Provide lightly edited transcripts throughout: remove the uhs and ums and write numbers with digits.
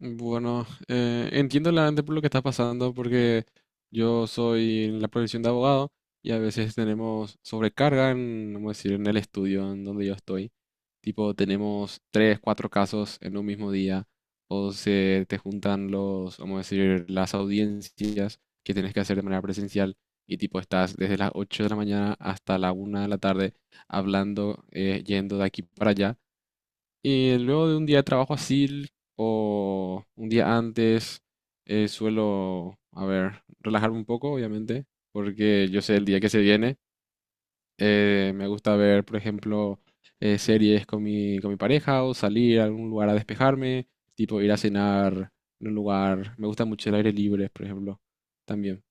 Bueno, entiendo realmente por lo que está pasando, porque yo soy en la profesión de abogado y a veces tenemos sobrecarga en, vamos a decir, en el estudio en donde yo estoy. Tipo, tenemos tres, cuatro casos en un mismo día, o se te juntan los, vamos a decir, las audiencias que tienes que hacer de manera presencial y tipo estás desde las 8 de la mañana hasta la 1 de la tarde hablando, yendo de aquí para allá. Y luego de un día de trabajo así o un día antes, suelo, a ver, relajarme un poco, obviamente, porque yo sé el día que se viene. Me gusta ver, por ejemplo, series con con mi pareja o salir a algún lugar a despejarme, tipo ir a cenar en un lugar. Me gusta mucho el aire libre, por ejemplo, también.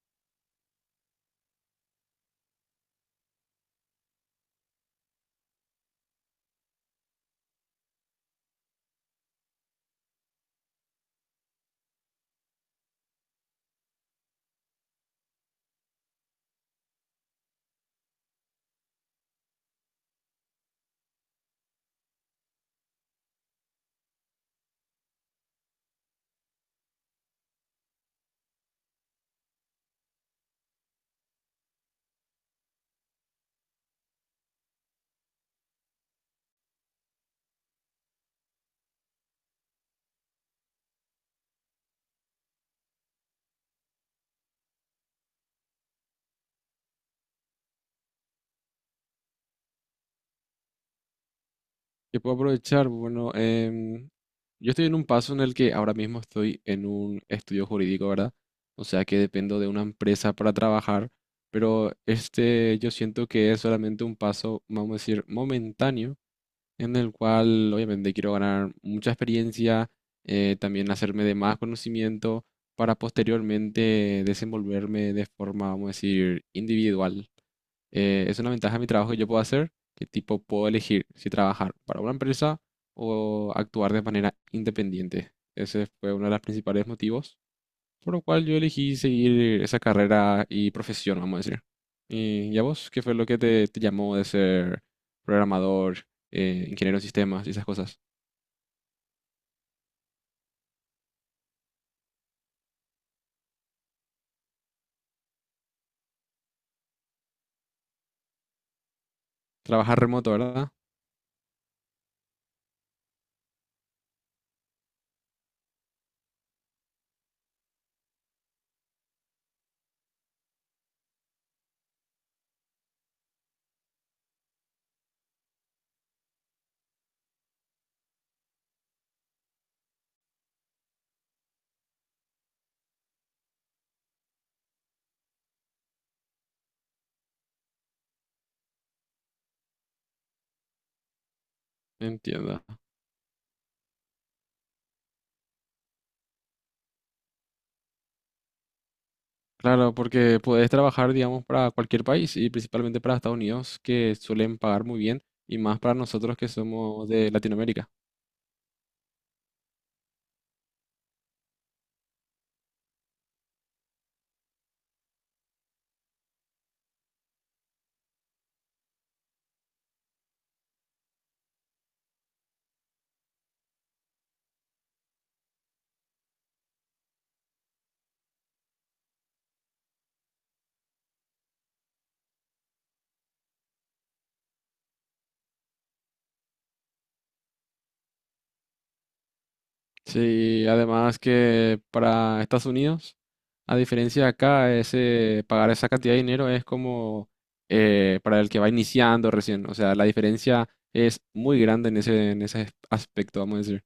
Yo puedo aprovechar, bueno, yo estoy en un paso en el que ahora mismo estoy en un estudio jurídico, ¿verdad? O sea que dependo de una empresa para trabajar, pero este yo siento que es solamente un paso, vamos a decir, momentáneo, en el cual obviamente quiero ganar mucha experiencia, también hacerme de más conocimiento para posteriormente desenvolverme de forma, vamos a decir, individual. Es una ventaja de mi trabajo que yo puedo hacer, que tipo puedo elegir si trabajar para una empresa o actuar de manera independiente. Ese fue uno de los principales motivos por lo cual yo elegí seguir esa carrera y profesión, vamos a decir. ¿Y, a vos qué fue lo que te llamó de ser programador, ingeniero en sistemas y esas cosas? Trabajar remoto, ¿verdad? Entiendo. Claro, porque puedes trabajar, digamos, para cualquier país y principalmente para Estados Unidos, que suelen pagar muy bien, y más para nosotros que somos de Latinoamérica. Sí, además que para Estados Unidos, a diferencia de acá, ese, pagar esa cantidad de dinero es como para el que va iniciando recién. O sea, la diferencia es muy grande en ese aspecto, vamos a decir.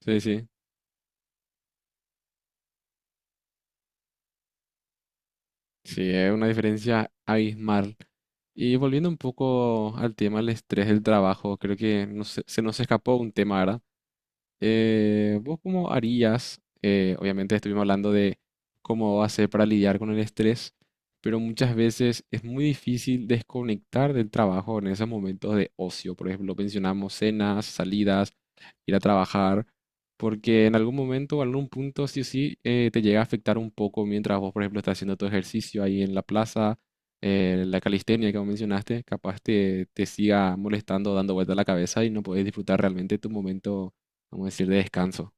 Sí, sí. Sí, es una diferencia abismal. Y volviendo un poco al tema del estrés del trabajo, creo que no se, se nos escapó un tema, ¿verdad? ¿Vos cómo harías? Obviamente estuvimos hablando de cómo hacer para lidiar con el estrés, pero muchas veces es muy difícil desconectar del trabajo en esos momentos de ocio. Por ejemplo, mencionamos cenas, salidas, ir a trabajar, porque en algún momento o algún punto sí o sí te llega a afectar un poco mientras vos, por ejemplo, estás haciendo tu ejercicio ahí en la plaza, la calistenia que vos mencionaste, capaz te siga molestando, dando vuelta la cabeza y no podés disfrutar realmente tu momento, vamos a decir, de descanso.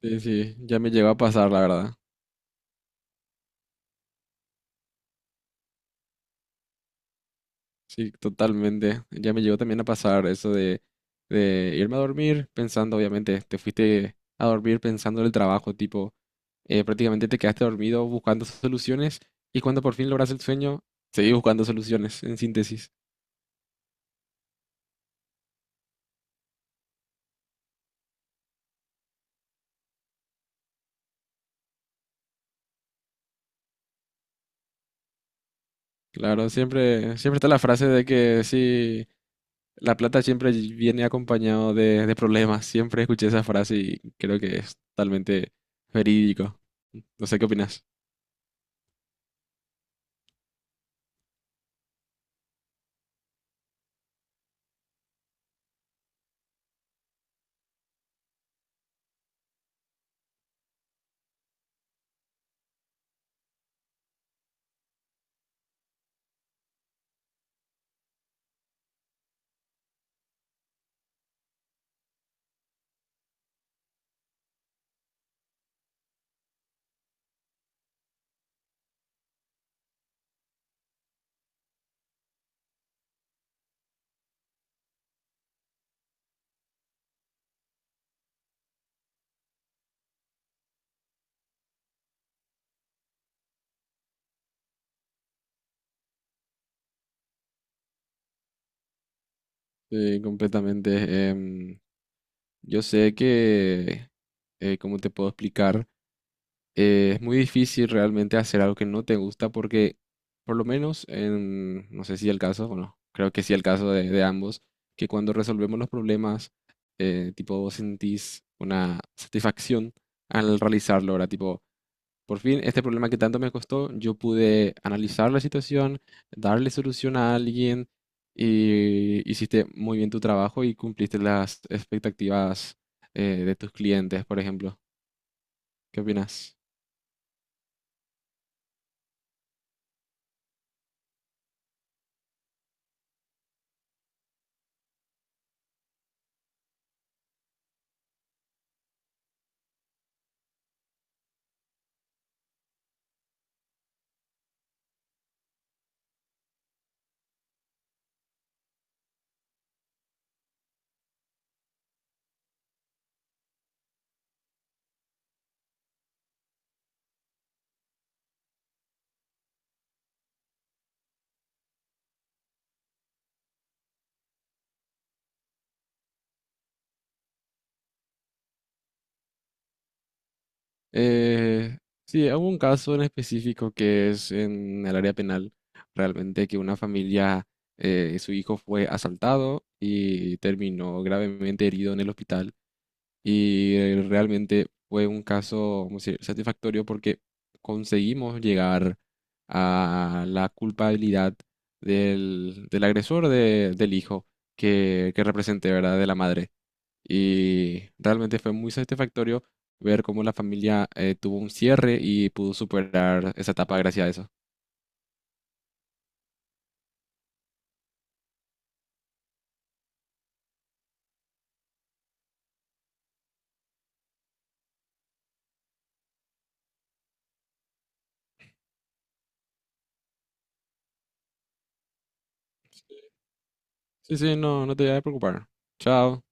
Sí, sí, ya me llegó a pasar, la verdad. Sí, totalmente. Ya me llegó también a pasar eso de irme a dormir pensando, obviamente, te fuiste a dormir pensando en el trabajo, tipo, prácticamente te quedaste dormido buscando soluciones y cuando por fin logras el sueño, seguís buscando soluciones, en síntesis. Claro, siempre, siempre está la frase de que sí, la plata siempre viene acompañado de problemas. Siempre escuché esa frase y creo que es totalmente verídico. No sé qué opinas. Sí, completamente. Yo sé que, ¿cómo te puedo explicar? Es muy difícil realmente hacer algo que no te gusta porque, por lo menos, en, no sé si el caso, bueno, creo que sí el caso de ambos, que cuando resolvemos los problemas, tipo, vos sentís una satisfacción al realizarlo, ¿verdad? Tipo, por fin, este problema que tanto me costó, yo pude analizar la situación, darle solución a alguien y hiciste muy bien tu trabajo y cumpliste las expectativas, de tus clientes, por ejemplo. ¿Qué opinas? Eh, sí, hubo un caso en específico que es en el área penal, realmente que una familia, su hijo fue asaltado y terminó gravemente herido en el hospital y realmente fue un caso, vamos a decir, satisfactorio porque conseguimos llegar a la culpabilidad del agresor de- del hijo que representé, ¿verdad? De la madre. Y realmente fue muy satisfactorio ver cómo la familia tuvo un cierre y pudo superar esa etapa gracias a eso. Sí, sí, no, no te vayas a preocupar. Chao.